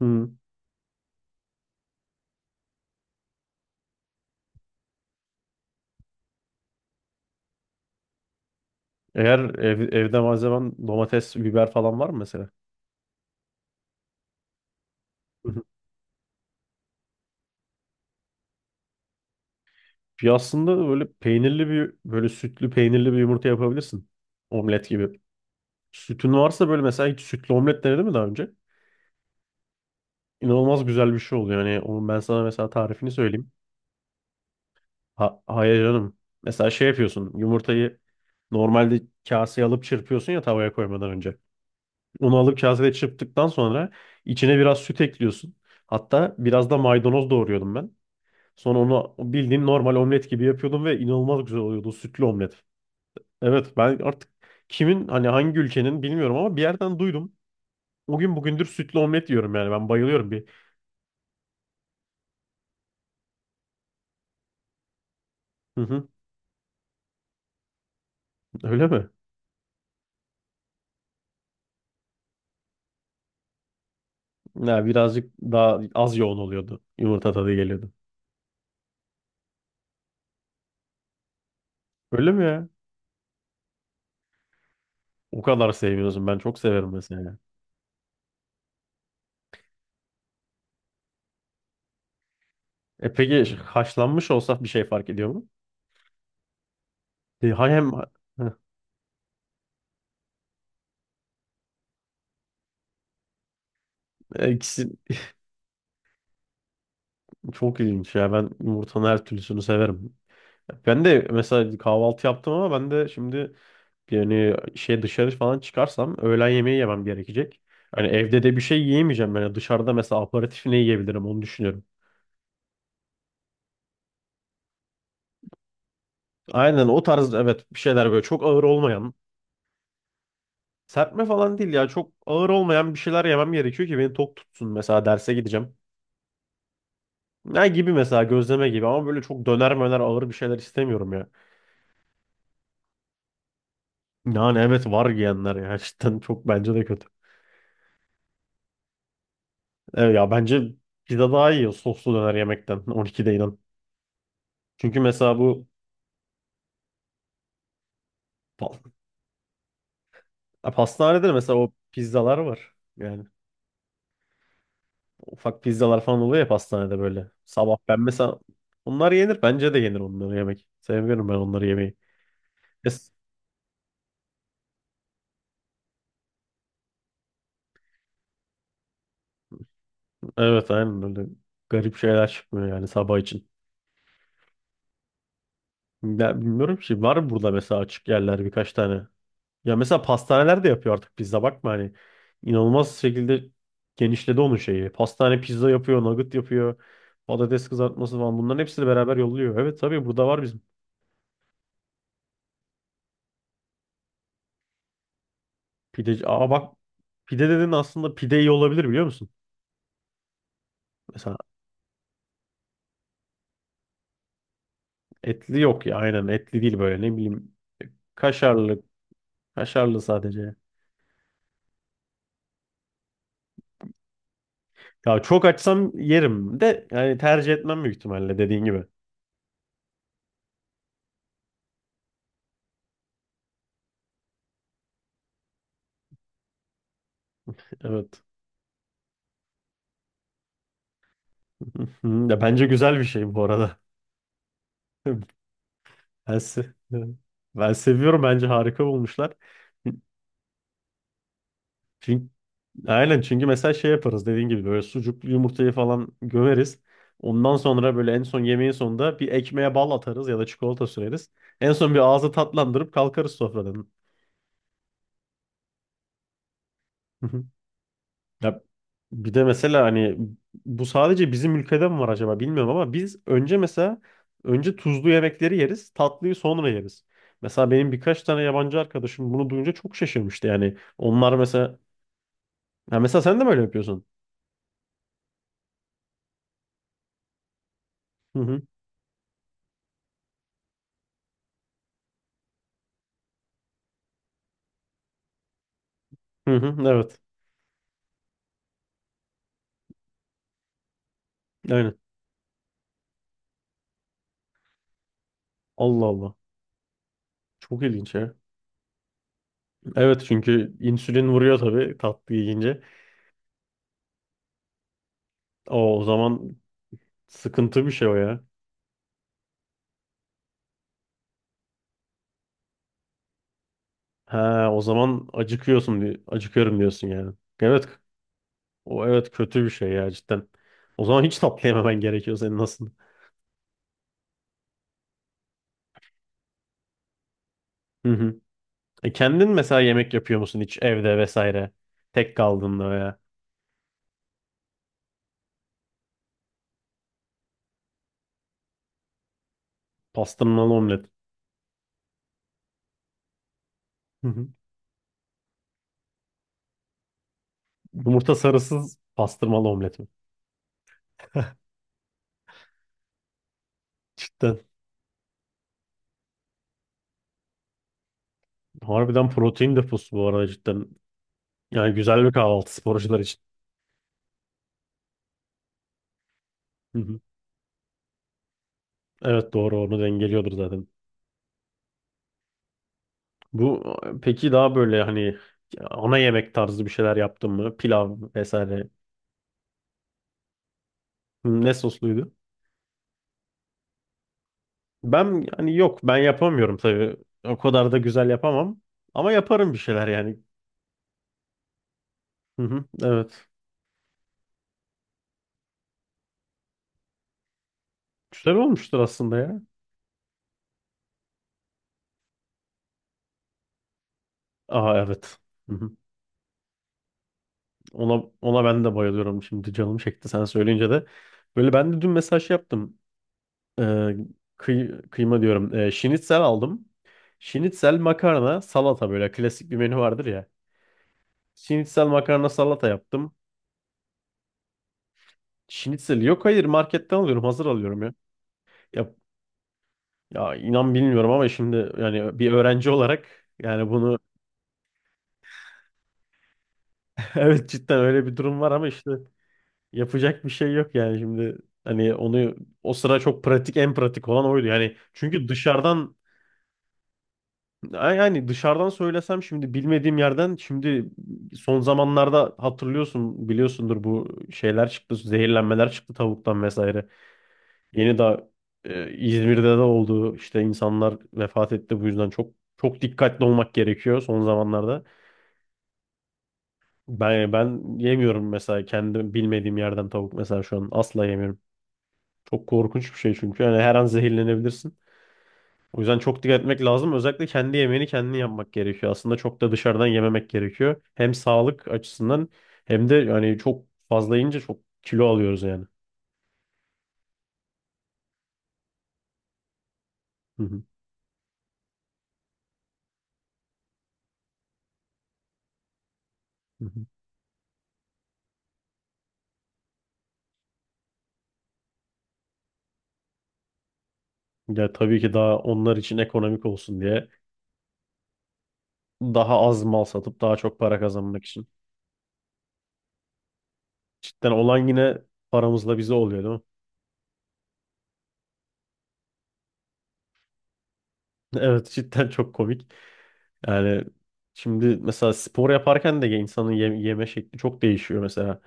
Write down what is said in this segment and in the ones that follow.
Hı. Eğer evde malzemen domates, biber falan var mı mesela? Hı hı. Bir aslında böyle peynirli bir böyle sütlü peynirli bir yumurta yapabilirsin. Omlet gibi. Sütün varsa böyle mesela hiç sütlü omlet denedin mi daha önce? İnanılmaz güzel bir şey oluyor. Yani onun ben sana mesela tarifini söyleyeyim. Ha, hayır canım. Mesela şey yapıyorsun. Yumurtayı normalde kaseye alıp çırpıyorsun ya tavaya koymadan önce. Onu alıp kasede çırptıktan sonra içine biraz süt ekliyorsun. Hatta biraz da maydanoz doğruyordum ben. Sonra onu bildiğin normal omlet gibi yapıyordum ve inanılmaz güzel oluyordu o sütlü omlet. Evet, ben artık kimin, hani hangi ülkenin bilmiyorum ama bir yerden duydum. O gün bugündür sütlü omlet yiyorum, yani ben bayılıyorum bir. Hı hı, öyle mi? Ya birazcık daha az yoğun oluyordu. Yumurta tadı geliyordu. Öyle mi ya? O kadar sevmiyorsun, ben çok severim mesela. E peki haşlanmış olsa bir şey fark ediyor mu? E, hem... Heh. E, ikisi çok ilginç ya, ben yumurtanın her türlüsünü severim. Ben de mesela kahvaltı yaptım ama ben de şimdi... Yani şey, dışarı falan çıkarsam öğlen yemeği yemem gerekecek. Hani evde de bir şey yiyemeyeceğim. Yani dışarıda mesela aperatif ne yiyebilirim, onu düşünüyorum. Aynen o tarz evet, bir şeyler böyle çok ağır olmayan. Serpme falan değil ya, çok ağır olmayan bir şeyler yemem gerekiyor ki beni tok tutsun. Mesela derse gideceğim. Ne gibi mesela, gözleme gibi ama böyle çok döner möner ağır bir şeyler istemiyorum ya. Yani evet, var yiyenler ya cidden çok bence de kötü. Evet ya, bence pizza daha iyi soslu döner yemekten 12'de, inan. Çünkü mesela bu... Ya pastanede de mesela o pizzalar var. Yani ufak pizzalar falan oluyor ya pastanede böyle. Sabah ben mesela onlar yenir. Bence de yenir onları yemek. Seviyorum ben onları yemeyi. Es- Evet aynen, böyle garip şeyler çıkmıyor yani sabah için. Ya bilmiyorum ki, var mı burada mesela açık yerler birkaç tane. Ya mesela pastaneler de yapıyor artık pizza, bakma hani, inanılmaz şekilde genişledi onun şeyi. Pastane pizza yapıyor, nugget yapıyor, patates kızartması falan, bunların hepsini beraber yolluyor. Evet tabii, burada var bizim. Pideci. Aa bak, pide dedin, aslında pide iyi olabilir biliyor musun? Mesela etli yok ya, aynen etli değil, böyle ne bileyim, kaşarlı kaşarlı sadece. Ya çok açsam yerim de, yani tercih etmem büyük ihtimalle dediğin gibi. Evet. Ya bence güzel bir şey bu arada. Ben, se- ben seviyorum, bence harika bulmuşlar. Çünkü... Aynen, çünkü mesela şey yaparız dediğin gibi, böyle sucuklu yumurtayı falan gömeriz. Ondan sonra böyle en son, yemeğin sonunda bir ekmeğe bal atarız ya da çikolata süreriz. En son bir ağzı tatlandırıp kalkarız sofradan. Hı hı. Ya bir de mesela hani bu sadece bizim ülkede mi var acaba bilmiyorum ama biz önce mesela, önce tuzlu yemekleri yeriz, tatlıyı sonra yeriz. Mesela benim birkaç tane yabancı arkadaşım bunu duyunca çok şaşırmıştı yani. Onlar mesela... Ha, mesela sen de böyle yapıyorsun? Hı hı. Hı hı. Evet. Aynen. Allah Allah. Çok ilginç ya. Evet, çünkü insülin vuruyor tabii tatlı yiyince. O zaman sıkıntı bir şey o ya. Ha, o zaman acıkıyorsun diye, acıkıyorum diyorsun yani. Evet, o evet, kötü bir şey ya cidden. O zaman hiç tatlı yememen gerekiyor senin aslında. Hı hı. E, kendin mesela yemek yapıyor musun hiç evde vesaire? Tek kaldığında veya... pastırmalı omlet. Hı hı. Yumurta sarısız pastırmalı omlet mi? Cidden. Harbiden protein deposu bu arada, cidden. Yani güzel bir kahvaltı sporcular için. Evet doğru, onu dengeliyordur zaten. Bu, peki daha böyle hani ana yemek tarzı bir şeyler yaptın mı? Pilav vesaire. Ne sosluydu? Ben yani, yok ben yapamıyorum tabii. O kadar da güzel yapamam. Ama yaparım bir şeyler yani. Hı hı, evet. Güzel olmuştur aslında ya. Aha, evet. Hı hı. Ona ben de bayılıyorum. Şimdi canım çekti sen söyleyince de. Böyle ben de dün mesaj yaptım. Ee, kıyma diyorum. Şinitsel aldım. Şinitsel makarna salata, böyle klasik bir menü vardır ya. Şinitsel makarna salata yaptım. Şinitsel, yok hayır marketten alıyorum, hazır alıyorum ya. Ya, ya inan bilmiyorum ama şimdi yani bir öğrenci olarak yani bunu... evet cidden öyle bir durum var ama işte yapacak bir şey yok yani şimdi, hani onu, o sıra çok pratik, en pratik olan oydu yani, çünkü dışarıdan... Ya yani dışarıdan söylesem şimdi, bilmediğim yerden şimdi... son zamanlarda hatırlıyorsun, biliyorsundur, bu şeyler çıktı, zehirlenmeler çıktı tavuktan vesaire. Yeni daha İzmir'de de oldu işte, insanlar vefat etti bu yüzden çok çok dikkatli olmak gerekiyor son zamanlarda. Ben yemiyorum mesela, kendi bilmediğim yerden tavuk mesela şu an asla yemiyorum. Çok korkunç bir şey çünkü, yani her an zehirlenebilirsin. O yüzden çok dikkat etmek lazım. Özellikle kendi yemeğini kendin yapmak gerekiyor. Aslında çok da dışarıdan yememek gerekiyor. Hem sağlık açısından, hem de yani çok fazla yiyince çok kilo alıyoruz yani. Hı hı, hı hı. Ya tabii ki, daha onlar için ekonomik olsun diye daha az mal satıp daha çok para kazanmak için. Cidden olan yine paramızla bize oluyor değil mi? Evet, cidden çok komik. Yani şimdi mesela spor yaparken de insanın yeme şekli çok değişiyor mesela.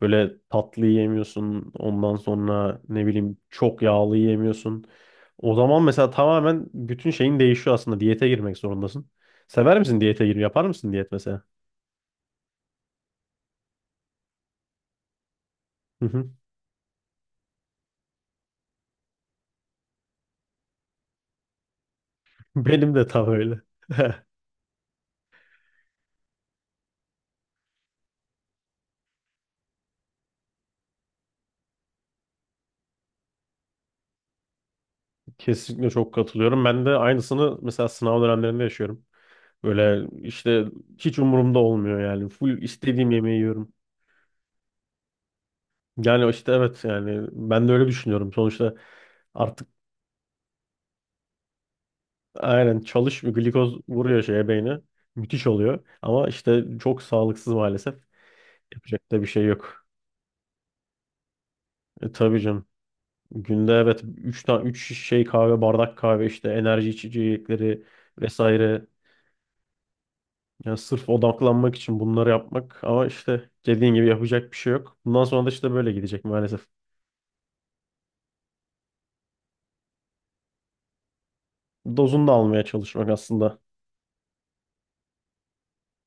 Böyle tatlı yemiyorsun, ondan sonra ne bileyim çok yağlı yemiyorsun. O zaman mesela tamamen bütün şeyin değişiyor aslında. Diyete girmek zorundasın. Sever misin diyete girmeyi? Yapar mısın diyet mesela? Hı hı. Benim de tam öyle. Kesinlikle, çok katılıyorum. Ben de aynısını mesela sınav dönemlerinde yaşıyorum. Böyle işte hiç umurumda olmuyor yani. Full istediğim yemeği yiyorum. Yani işte evet, yani ben de öyle düşünüyorum. Sonuçta artık, aynen, çalış, glikoz vuruyor şeye, beyne. Müthiş oluyor. Ama işte çok sağlıksız maalesef. Yapacak da bir şey yok. E, tabii canım. Günde evet 3 tane, 3 şey kahve, bardak kahve, işte enerji içecekleri vesaire. Yani sırf odaklanmak için bunları yapmak ama işte dediğin gibi yapacak bir şey yok. Bundan sonra da işte böyle gidecek maalesef. Dozunu da almaya çalışmak aslında.